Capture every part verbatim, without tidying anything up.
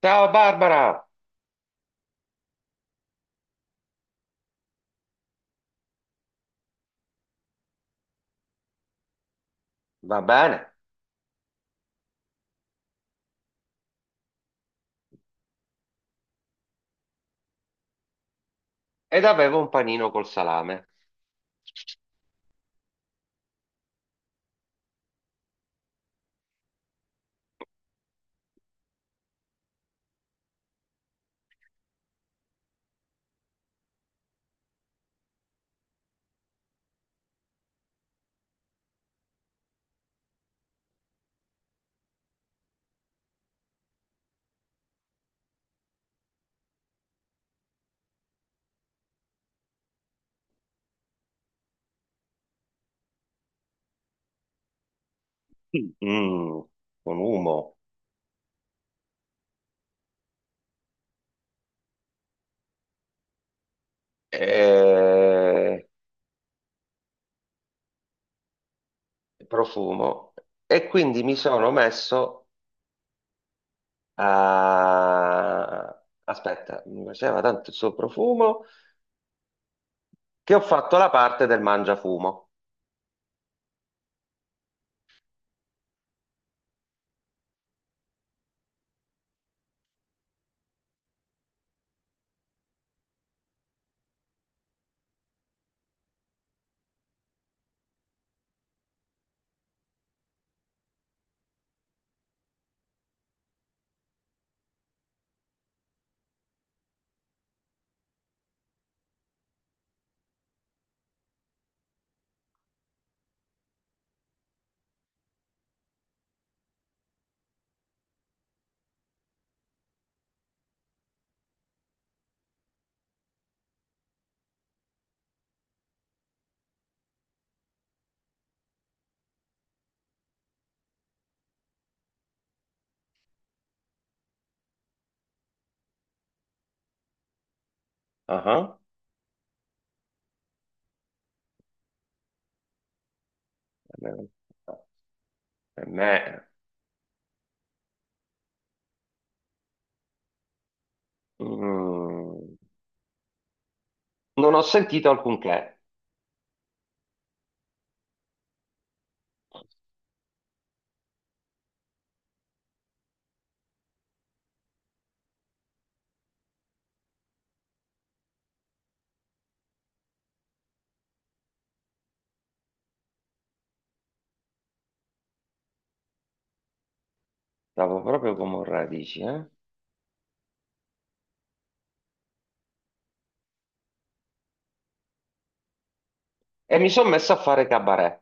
Ciao Barbara, va bene? Ed avevo un panino col salame. Mm, con umo e profumo, e quindi mi sono messo a... Aspetta, mi piaceva tanto il suo profumo che ho fatto la parte del mangiafumo. Ah, ah. Per me, mm, non ho sentito alcunché, stavo proprio come un radici, eh? E mi sono messo a fare cabaret.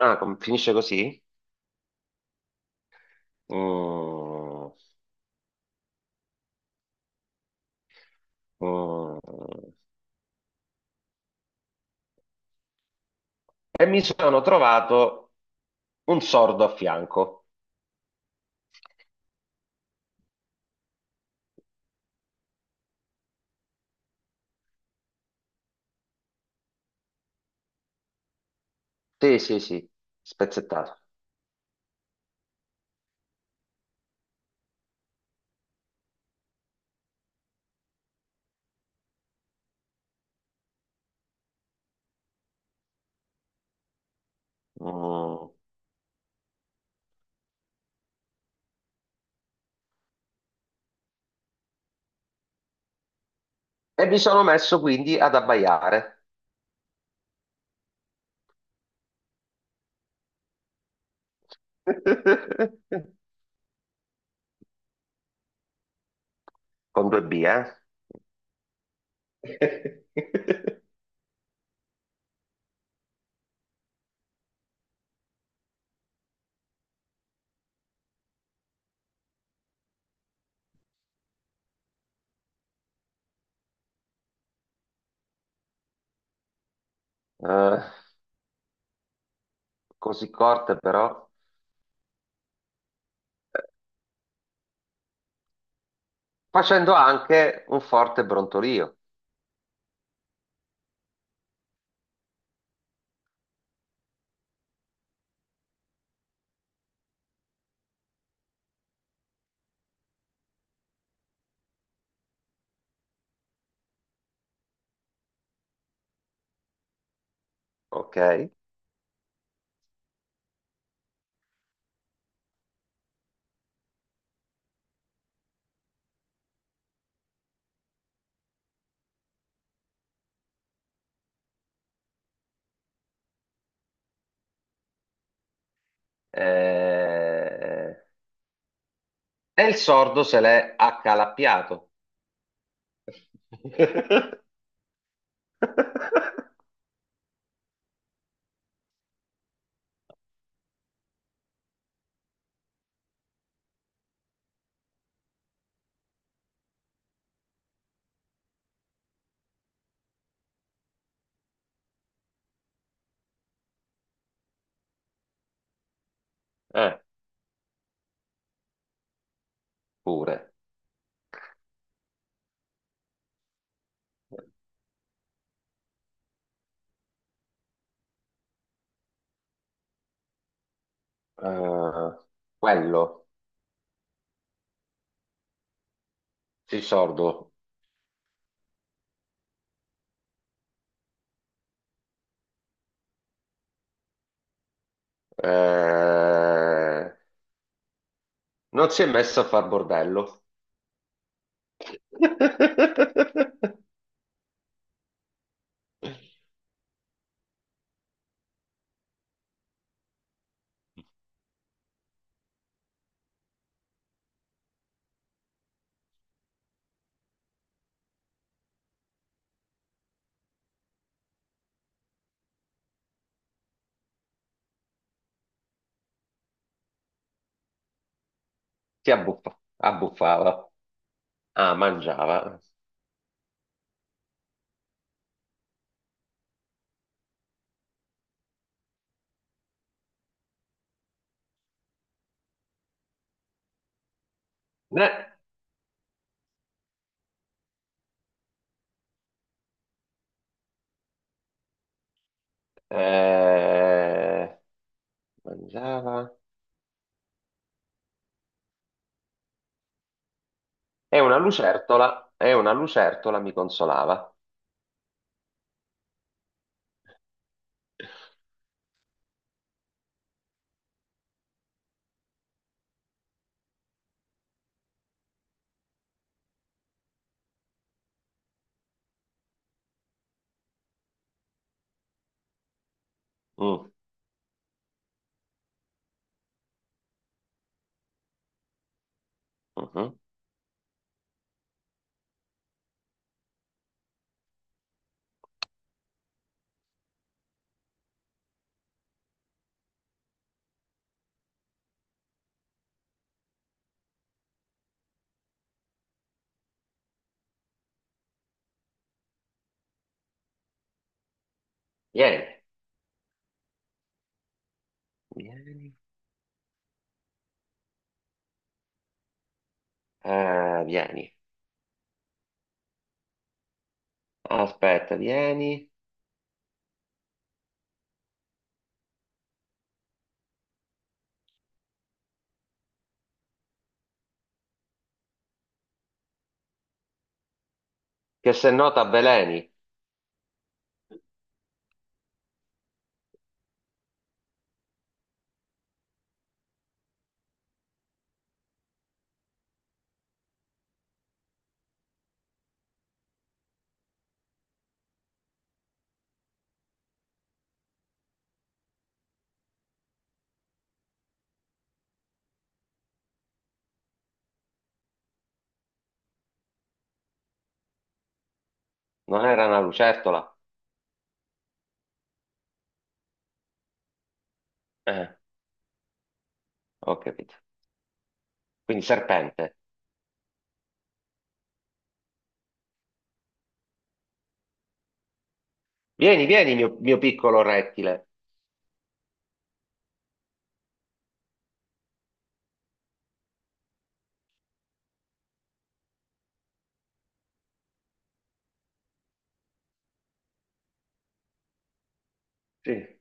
Ah, com- finisce così? Mm, mm. E mi sono trovato un sordo a fianco. Sì, sì, sì, spezzettato. Mm. E mi sono messo quindi ad abbaiare. Con due B, eh? Eh, così corte però. Facendo anche un forte brontolio, ok? Eh, e il sordo se l'è accalappiato. Eh. Pure. Eh, quello, sì, sordo. Eh, non si è messo a far bordello. Si abbuffa, abbuffava. Ah, mangiava. Ne- eh, mangiava. È una lucertola, è una lucertola, mi consolava. Mm, mhm. Vieni, vieni. Eh, vieni. Aspetta, vieni. Che se no t'avveleni. Non era una lucertola? Eh, ho capito. Quindi serpente. Vieni, vieni, mio, mio piccolo rettile. Sì.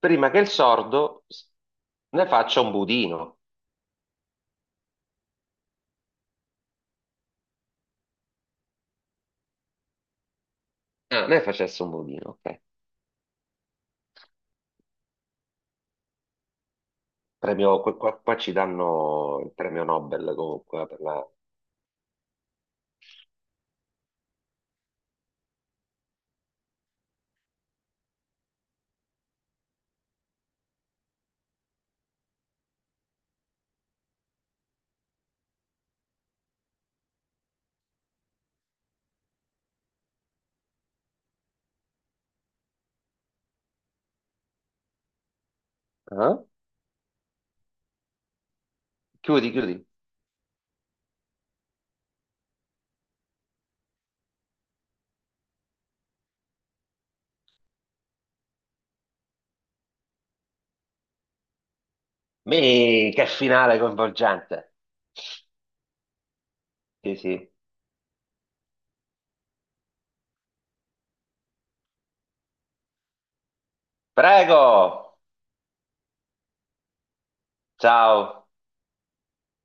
Prima che il sordo s- Ne faccia un budino. Ah, ne facesse un budino, ok. Premio, qua, qua- qua ci danno il premio Nobel comunque, eh, per la... Ah? Chiudi, chiudi. Mi, che finale coinvolgente. Sì, sì. Prego! Ciao!